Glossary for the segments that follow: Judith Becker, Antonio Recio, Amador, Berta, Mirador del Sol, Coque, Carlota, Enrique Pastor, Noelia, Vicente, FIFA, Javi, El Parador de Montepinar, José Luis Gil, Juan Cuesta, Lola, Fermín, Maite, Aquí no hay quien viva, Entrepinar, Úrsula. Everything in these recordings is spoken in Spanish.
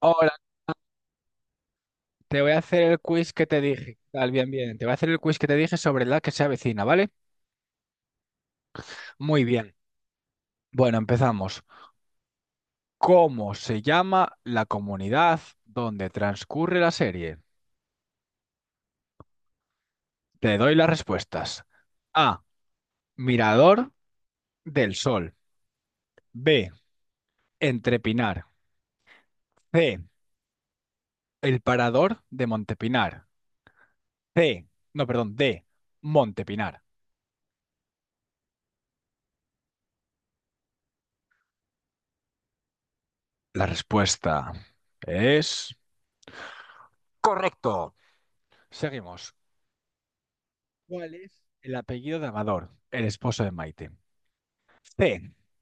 Hola, te voy a hacer el quiz que te dije. Tal, bien, bien. Te voy a hacer el quiz que te dije sobre la que se avecina, ¿vale? Muy bien. Bueno, empezamos. ¿Cómo se llama la comunidad donde transcurre la serie? Te doy las respuestas. A. Mirador del Sol. B. Entrepinar. C. El Parador de Montepinar. C. No, perdón, D. Montepinar. La respuesta es... Correcto. Seguimos. ¿Cuál es el apellido de Amador, el esposo de Maite? C.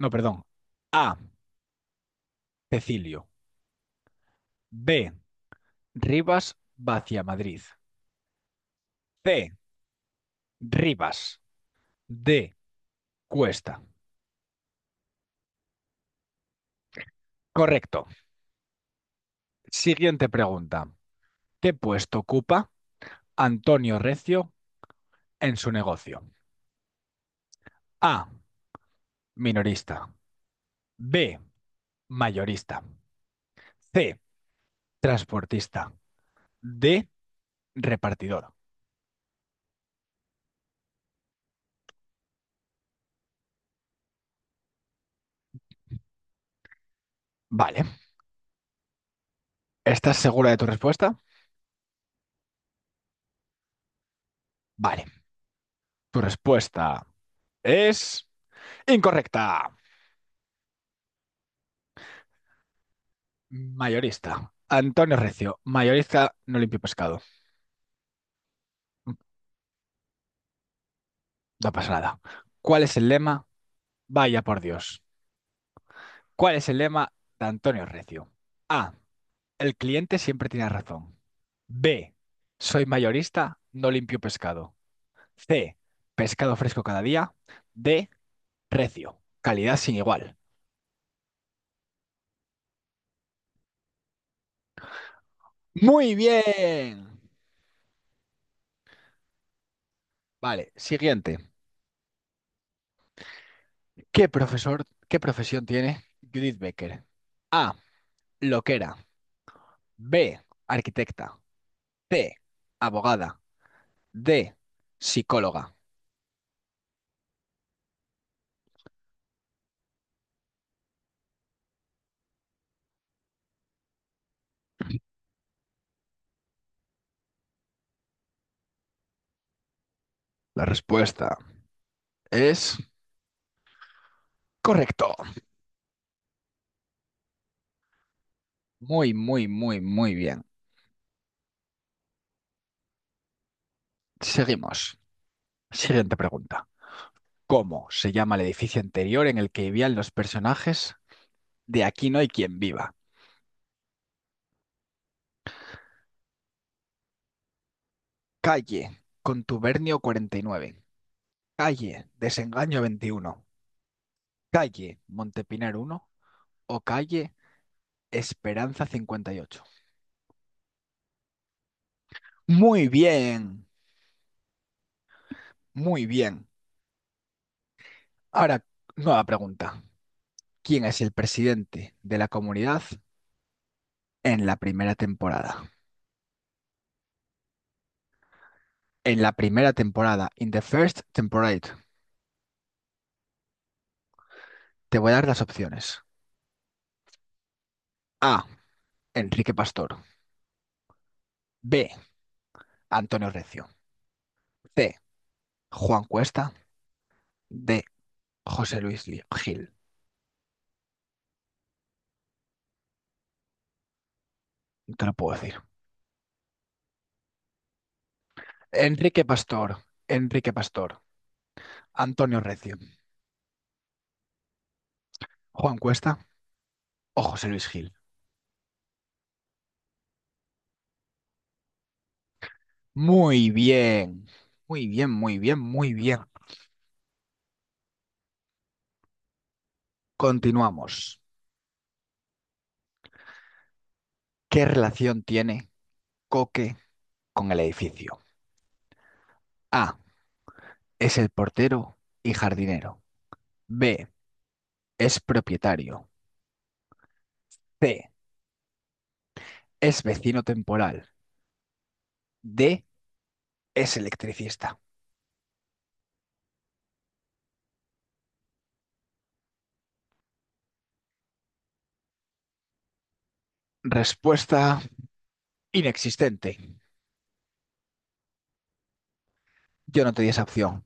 No, perdón. A. Cecilio. B. Rivas Madrid. C. Rivas. D. Cuesta. Correcto. Siguiente pregunta. ¿Qué puesto ocupa Antonio Recio en su negocio? A. Minorista. B. Mayorista. C. Transportista. D. Repartidor. Vale. ¿Estás segura de tu respuesta? Vale. Tu respuesta es incorrecta. Mayorista. Antonio Recio, mayorista no limpio pescado. No pasa nada. ¿Cuál es el lema? Vaya por Dios. ¿Cuál es el lema de Antonio Recio? A. El cliente siempre tiene razón. B. Soy mayorista, no limpio pescado. C. Pescado fresco cada día. D. Recio. Calidad sin igual. Muy bien. Vale, siguiente. ¿Qué profesión tiene Judith Becker? A. Loquera. B, arquitecta. C, abogada. D, psicóloga. La respuesta es correcto. Muy, muy, muy, muy bien. Seguimos. Siguiente pregunta. ¿Cómo se llama el edificio anterior en el que vivían los personajes de Aquí no hay quien viva? Calle Contubernio 49, calle Desengaño 21, calle Montepinar uno, o calle Esperanza 58. Muy bien, muy bien. Ahora, nueva pregunta. ¿Quién es el presidente de la comunidad en la primera temporada? En la primera temporada, in the first temporada, te voy a dar las opciones. A. Enrique Pastor. B. Antonio Recio. C. Juan Cuesta. D. José Luis Gil. No te lo puedo decir. Enrique Pastor. Enrique Pastor. Antonio Recio. Juan Cuesta o José Luis Gil. Muy bien. Muy bien, muy bien, muy bien. Continuamos. ¿Qué relación tiene Coque con el edificio? A. Es el portero y jardinero. B. Es propietario. C. Es vecino temporal. D. Es electricista. Respuesta inexistente. Yo no te di esa opción.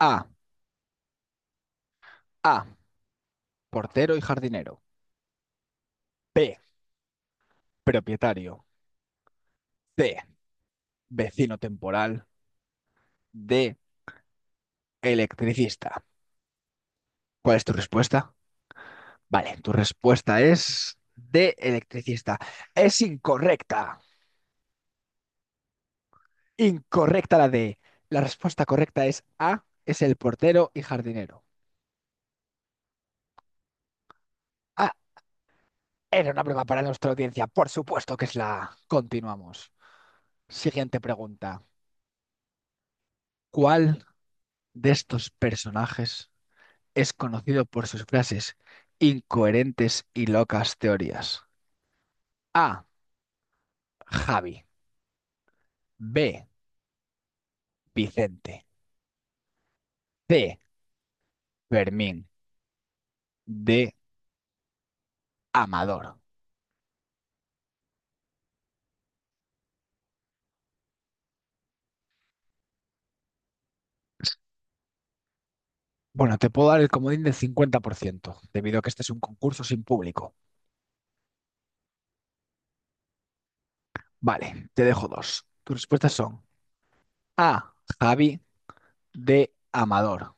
A. A. Portero y jardinero. B. Propietario. C. Vecino temporal. D. Electricista. ¿Cuál es tu respuesta? Vale, tu respuesta es D. Electricista. Es incorrecta. Incorrecta la D. La respuesta correcta es A, es el portero y jardinero. Ah, era una prueba para nuestra audiencia, por supuesto que es la A. Continuamos. Siguiente pregunta. ¿Cuál de estos personajes es conocido por sus frases incoherentes y locas teorías? A, Javi. B, Vicente. C, Fermín. D, Amador. Bueno, te puedo dar el comodín del 50%, debido a que este es un concurso sin público. Vale, te dejo dos. Tus respuestas son A, Javi, D, Amador.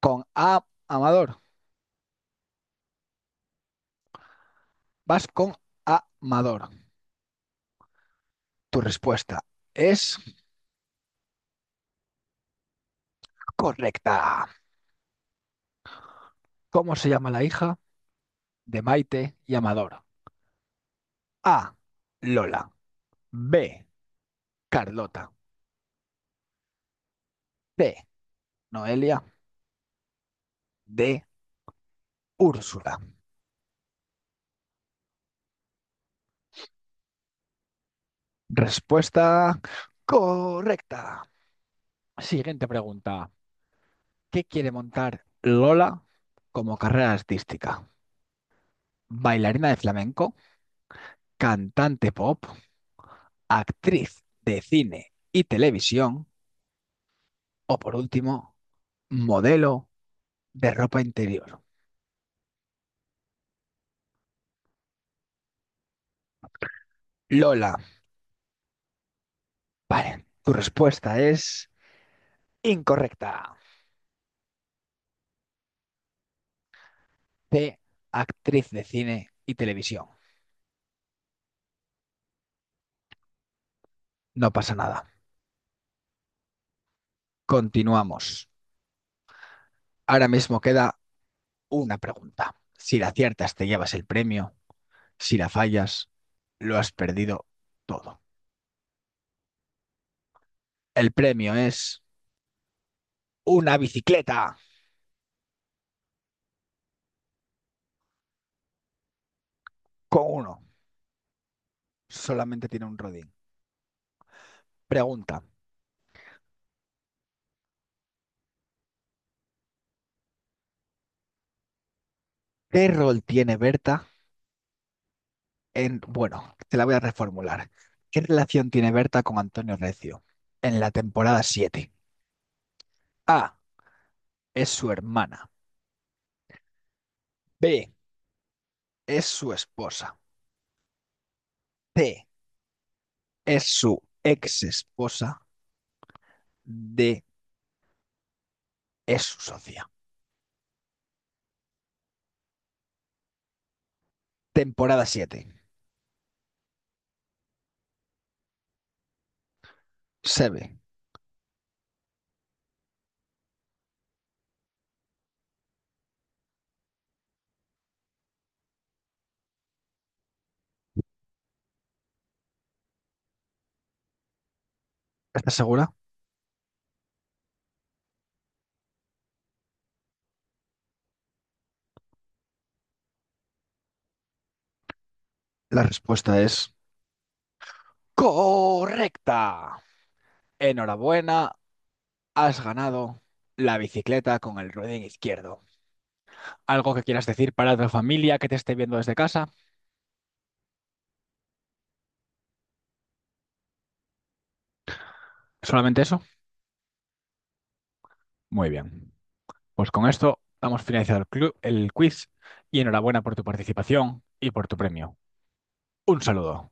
Con A, Amador. Vas con A, Amador. Tu respuesta es correcta. ¿Cómo se llama la hija de Maite y Amador? A, Lola. B, Carlota. C, Noelia. D, Úrsula. Respuesta correcta. Siguiente pregunta. ¿Qué quiere montar Lola como carrera artística? Bailarina de flamenco, cantante pop, actriz de cine y televisión o, por último, modelo de ropa interior. Lola, vale, tu respuesta es incorrecta. C, actriz de cine y televisión. No pasa nada. Continuamos. Ahora mismo queda una pregunta. Si la aciertas te llevas el premio, si la fallas, lo has perdido todo. El premio es una bicicleta. Con uno. Solamente tiene un rodín. Pregunta. ¿Qué rol tiene Berta en... Bueno, te la voy a reformular. ¿Qué relación tiene Berta con Antonio Recio en la temporada 7? A. Es su hermana. B. Es su esposa. C. Es su ex esposa. D. Es su socia. Temporada siete. Se ve. ¿Estás segura? La respuesta es correcta. Enhorabuena. Has ganado la bicicleta con el ruedín izquierdo. ¿Algo que quieras decir para tu familia que te esté viendo desde casa? ¿Solamente eso? Muy bien. Pues con esto damos finalizado el, el quiz, y enhorabuena por tu participación y por tu premio. Un saludo.